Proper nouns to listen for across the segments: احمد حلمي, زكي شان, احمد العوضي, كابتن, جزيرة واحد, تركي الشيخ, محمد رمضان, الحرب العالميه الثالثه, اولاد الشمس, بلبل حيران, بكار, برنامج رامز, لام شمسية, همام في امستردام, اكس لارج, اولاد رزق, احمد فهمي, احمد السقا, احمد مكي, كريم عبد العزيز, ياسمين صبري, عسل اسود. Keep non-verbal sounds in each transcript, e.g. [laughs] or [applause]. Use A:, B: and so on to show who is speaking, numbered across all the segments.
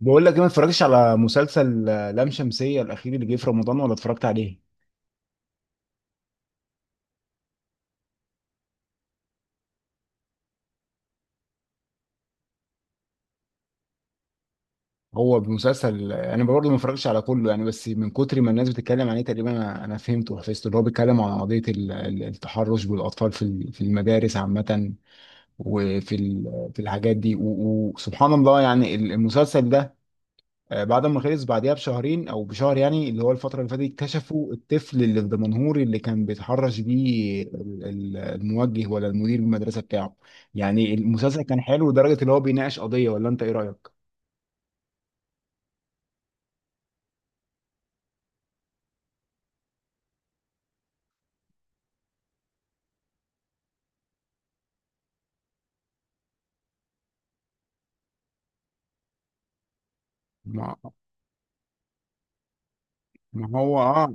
A: بقول لك ايه ما اتفرجتش على مسلسل لام شمسية الأخير اللي جه في رمضان ولا اتفرجت عليه؟ هو مسلسل، انا برضه ما اتفرجتش على كله، يعني بس من كتر ما الناس بتتكلم عليه تقريبا انا فهمته وحفظته. اللي هو بيتكلم عن قضية التحرش بالأطفال في في المدارس عامة، في الحاجات دي وسبحان الله. يعني المسلسل ده بعد ما خلص بعديها بشهرين او بشهر، يعني اللي هو الفتره اللي فاتت اكتشفوا الطفل اللي الدمنهوري اللي كان بيتحرش بيه الموجه ولا المدير المدرسه بتاعه. يعني المسلسل كان حلو لدرجه اللي هو بيناقش قضيه، ولا انت ايه رايك؟ ما هو اه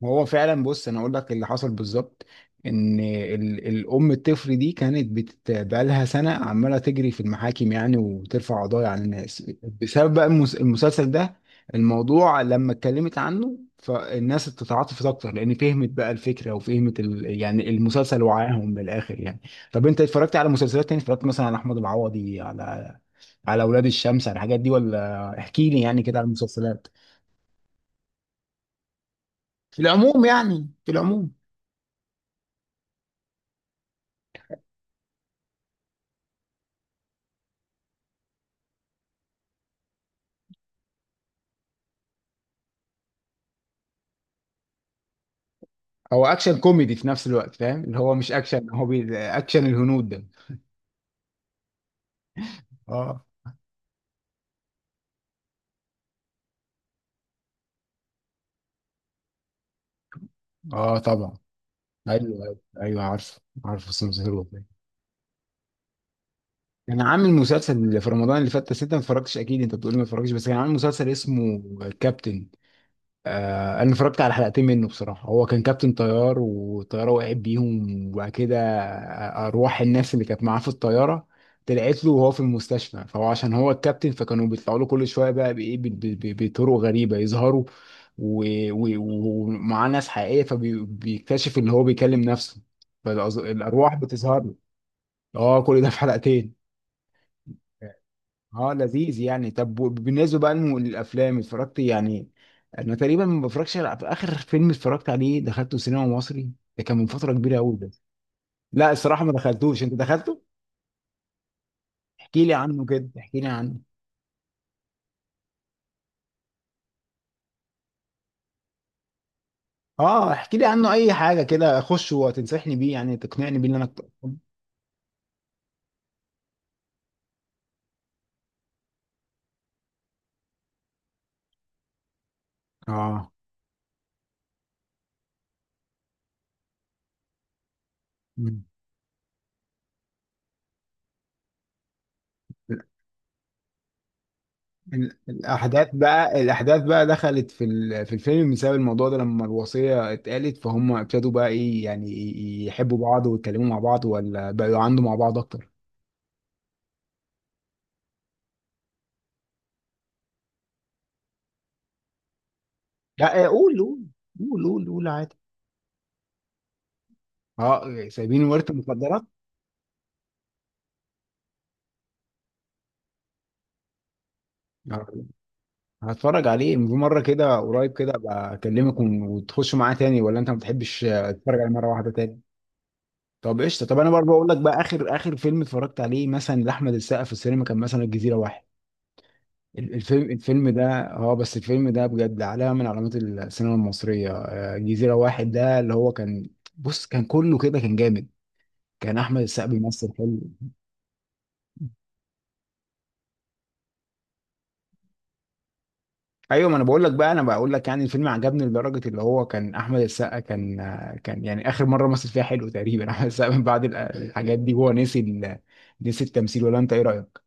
A: ما هو فعلا، بص انا اقول لك اللي حصل بالظبط. ان الام الطفل دي كانت بقالها سنه عماله تجري في المحاكم، يعني وترفع قضايا على الناس بسبب بقى المسلسل ده. الموضوع لما اتكلمت عنه فالناس تتعاطفت اكتر، لان فهمت بقى الفكره وفهمت يعني المسلسل، وعاهم من الاخر يعني. طب انت اتفرجت على مسلسلات تاني؟ اتفرجت مثلا على احمد العوضي، على اولاد الشمس، على الحاجات دي؟ ولا احكي لي يعني كده على المسلسلات في العموم، هو اكشن كوميدي في نفس الوقت، فاهم اللي هو مش اكشن، هو اكشن الهنود ده. اه اه طبعا. ايوه ايوه ايوه عارف، عارف. بس مسلسل حلو والله. كان عامل مسلسل في رمضان اللي فات، بس انت ما اتفرجتش اكيد. انت بتقولي ما اتفرجتش، بس كان عامل مسلسل اسمه كابتن. انا اتفرجت على حلقتين منه بصراحه. هو كان كابتن طيار والطياره وقعت بيهم، وبعد كده ارواح الناس اللي كانت معاه في الطياره طلعت له وهو في المستشفى. فهو عشان هو الكابتن فكانوا بيطلعوا له كل شويه بقى بايه بطرق غريبه يظهروا، و- و- ومعاه ناس حقيقيه، فبيكتشف ان هو بيكلم نفسه فالارواح بتظهر له. اه كل ده في حلقتين. اه لذيذ يعني. طب بالنسبه بقى للافلام، اتفرجت يعني؟ انا تقريبا ما بفرجش اخر فيلم اتفرجت عليه دخلته سينما مصري، ده كان من فتره كبيره قوي ده. لا الصراحه ما دخلتوش، انت دخلته؟ احكي لي عنه كده، احكي لي عنه. اه احكي لي عنه اي حاجه كده اخش وتنصحني بيه، يعني تقنعني بيه ان انا أدخل. اه. مم. الاحداث بقى، الاحداث بقى دخلت في في الفيلم بسبب الموضوع ده، لما الوصيه اتقالت فهم ابتدوا بقى ايه، يعني يحبوا بعض ويتكلموا مع بعض، ولا بقوا عنده مع بعض اكتر؟ لا قول قول قول قول قول عادي. اه سايبين ورث المخدرات. آه، هتفرج عليه في مره كده قريب كده، ابقى اكلمك وتخش معاه تاني، ولا انت ما بتحبش، تتفرج عليه مره واحده تاني؟ طب قشطه. طب انا برضه اقول لك بقى اخر اخر فيلم اتفرجت عليه مثلا لاحمد السقا في السينما، كان مثلا الجزيره واحد. الفيلم ده، اه بس الفيلم ده بجد علامة من علامات السينما المصرية. جزيرة واحد ده اللي هو كان، بص كان كله كده، كان جامد. كان احمد السقا بيمثل حلو. ايوه ما انا بقول لك بقى، انا بقول لك يعني الفيلم عجبني لدرجة اللي هو كان احمد السقا، كان يعني اخر مرة مثل فيها حلو تقريبا. [laughs] احمد السقا من بعد الحاجات دي هو نسي التمثيل، ولا انت ايه رأيك؟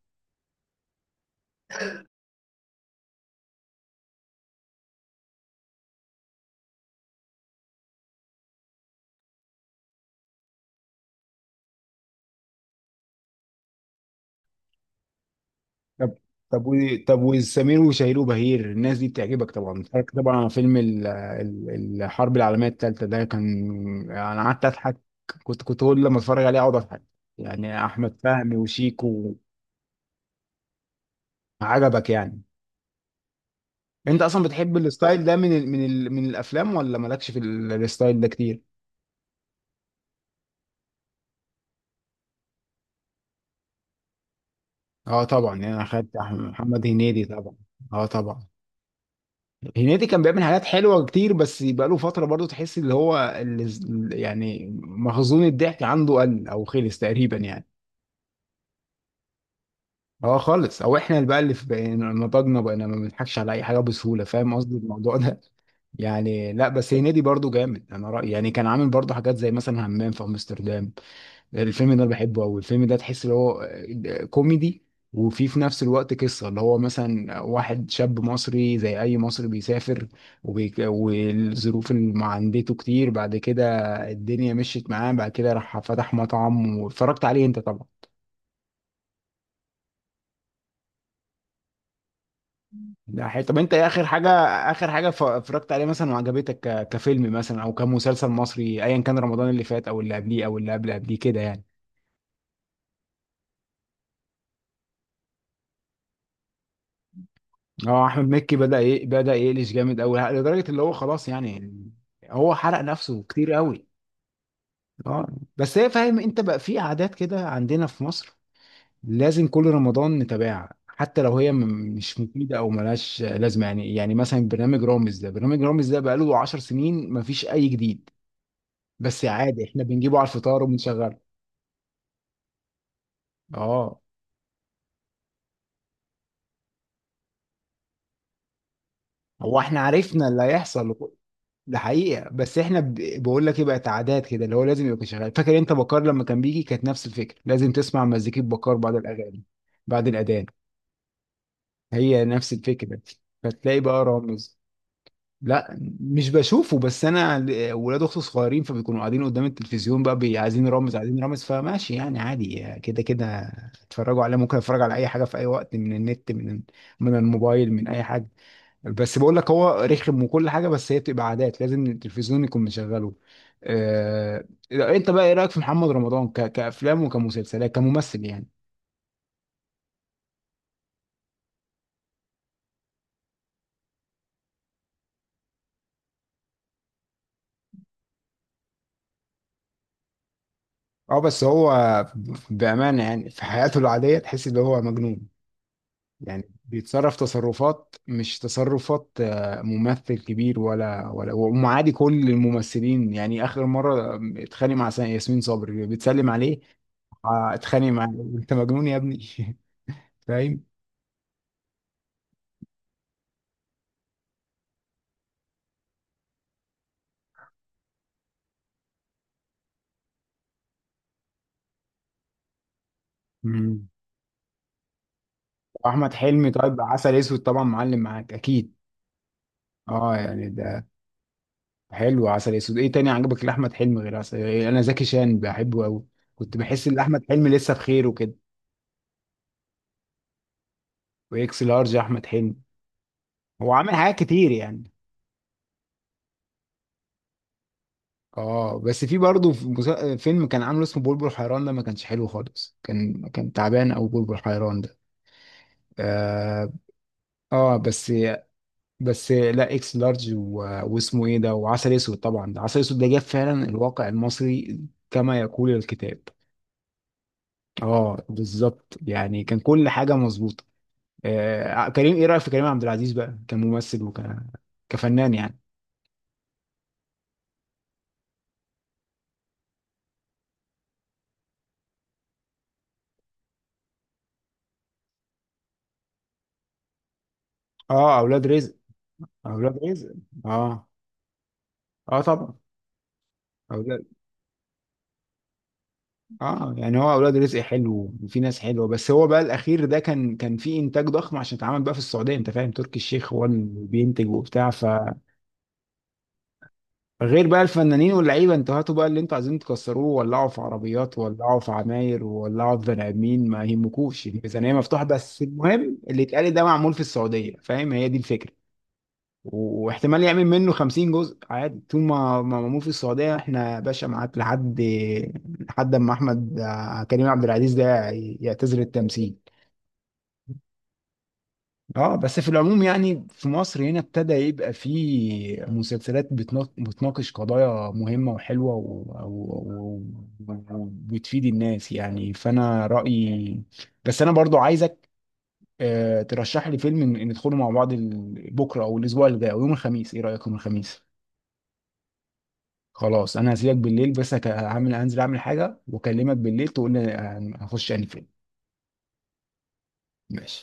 A: طب طب و... طب وسمير وشهير وبهير، الناس دي بتعجبك طبعا؟ أنت عارف طبعا على فيلم الحرب العالميه الثالثه ده كان. انا قعدت اضحك. كنت كل لما اتفرج عليه اقعد اضحك، يعني احمد فهمي وشيكو. عجبك يعني؟ انت اصلا بتحب الستايل ده من من الافلام، ولا مالكش في الستايل ده كتير؟ اه طبعا. يعني انا خدت محمد هنيدي طبعا. اه طبعا. هنيدي كان بيعمل حاجات حلوه كتير، بس بقاله فتره برضو تحس اللي هو اللي، يعني مخزون الضحك عنده قل او خلص تقريبا يعني. هو خالص او احنا اللي بقى اللي في بقينا نضجنا، بقينا ما بنضحكش على اي حاجه بسهوله، فاهم قصدي الموضوع ده. [laughs] يعني لا بس هنيدي برضو جامد انا رايي. يعني كان عامل برضو حاجات زي مثلا همام في امستردام. الفيلم ده بحبه قوي. الفيلم ده تحس اللي هو كوميدي، وفي نفس الوقت قصة اللي هو مثلا واحد شاب مصري زي أي مصري بيسافر، والظروف اللي عندته كتير. بعد كده الدنيا مشيت معاه، بعد كده راح فتح مطعم واتفرجت عليه أنت طبعا. طب أنت إيه آخر حاجة؟ آخر حاجة اتفرجت عليه مثلا وعجبتك كفيلم مثلا، أو كمسلسل مصري، أيا كان، رمضان اللي فات أو اللي قبليه أو اللي قبل قبليه كده يعني؟ اه احمد مكي بدأ يقلش جامد قوي لدرجة اللي هو خلاص يعني. هو حرق نفسه كتير قوي. اه بس هي، فاهم انت بقى في عادات كده عندنا في مصر، لازم كل رمضان نتابعها حتى لو هي مش مفيدة او ملهاش لازمة، يعني مثلا برنامج رامز ده، برنامج رامز ده بقاله 10 سنين مفيش اي جديد. بس عادي احنا بنجيبه على الفطار وبنشغله. اه هو احنا عرفنا اللي هيحصل، ده حقيقة. بس احنا بقول لك ايه، بقت عادات كده اللي هو لازم يبقى شغال. فاكر انت بكار لما كان بيجي، كانت نفس الفكرة، لازم تسمع مزيكة بكار بعد الأغاني بعد الأذان، هي نفس الفكرة. فتلاقي بقى رامز. لا مش بشوفه، بس انا ولاد اختي صغيرين فبيكونوا قاعدين قدام التلفزيون بقى عايزين رامز عايزين رامز، فماشي يعني، عادي كده كده اتفرجوا عليه. ممكن اتفرج على اي حاجة في اي وقت من النت، من الموبايل، من اي حاجة. بس بقول لك هو رخم وكل حاجه، بس هي بتبقى عادات، لازم التلفزيون يكون مشغله. آه... انت بقى ايه رايك في محمد رمضان كافلام وكمسلسلات كممثل يعني؟ اه بس هو بامانه يعني في حياته العاديه تحس ان هو مجنون، يعني بيتصرف تصرفات مش تصرفات ممثل كبير، ولا ومعادي كل الممثلين. يعني اخر مره اتخانق مع ياسمين صبري بتسلم عليه. اتخانق معاه. [laughs] انت مجنون يا ابني. [laughs] فاهم. واحمد حلمي طيب عسل اسود، طبعا معلم معاك اكيد. اه يعني ده حلو عسل اسود. ايه تاني عجبك لاحمد حلمي غير عسل؟ إيه، انا زكي شان بحبه قوي. كنت بحس ان احمد حلمي لسه بخير وكده. واكس لارج احمد حلمي. هو عامل حاجات كتير يعني. اه بس في برضه فيلم كان عامله اسمه بلبل حيران ده ما كانش حلو خالص، كان تعبان او بلبل حيران ده. اه. بس. لا اكس لارج واسمه ايه ده، وعسل اسود طبعا. ده عسل اسود ده جاب فعلا الواقع المصري، كما يقول الكتاب. اه بالظبط، يعني كان كل حاجه مظبوطه. آه كريم، ايه رايك في كريم عبد العزيز بقى كممثل وك كفنان يعني؟ اه اولاد رزق. اولاد رزق. اه اه طبعا. اولاد اه يعني هو اولاد رزق حلو وفي ناس حلوه، بس هو بقى الاخير ده كان فيه انتاج ضخم عشان اتعمل بقى في السعوديه. انت فاهم تركي الشيخ هو اللي بينتج وبتاع، غير بقى الفنانين واللعيبه، انتوا هاتوا بقى اللي انتوا عايزين تكسروه، ولعوا في عربيات، ولعوا في عماير، ولعوا في بني ادمين، ما يهمكوش الميزانيه مفتوحه، بس المهم اللي اتقال ده معمول في السعوديه. فاهم هي دي الفكره، واحتمال يعمل منه 50 جزء عادي طول ما معمول في السعوديه، احنا يا باشا معاك لحد اما احمد آه، كريم عبد العزيز ده يعتزل التمثيل. اه بس في العموم يعني في مصر هنا، ابتدى يبقى فيه مسلسلات بتناقش قضايا مهمة وحلوة و... وبتفيد الناس يعني، فأنا رأيي. بس أنا برضو عايزك، ترشح لي فيلم ندخله مع بعض، بكرة أو الأسبوع اللي جاي أو يوم الخميس. إيه رأيك يوم الخميس؟ خلاص أنا هسيبك بالليل، بس هعمل، هنزل أعمل حاجة وأكلمك بالليل تقول لي هخش أنهي فيلم. ماشي.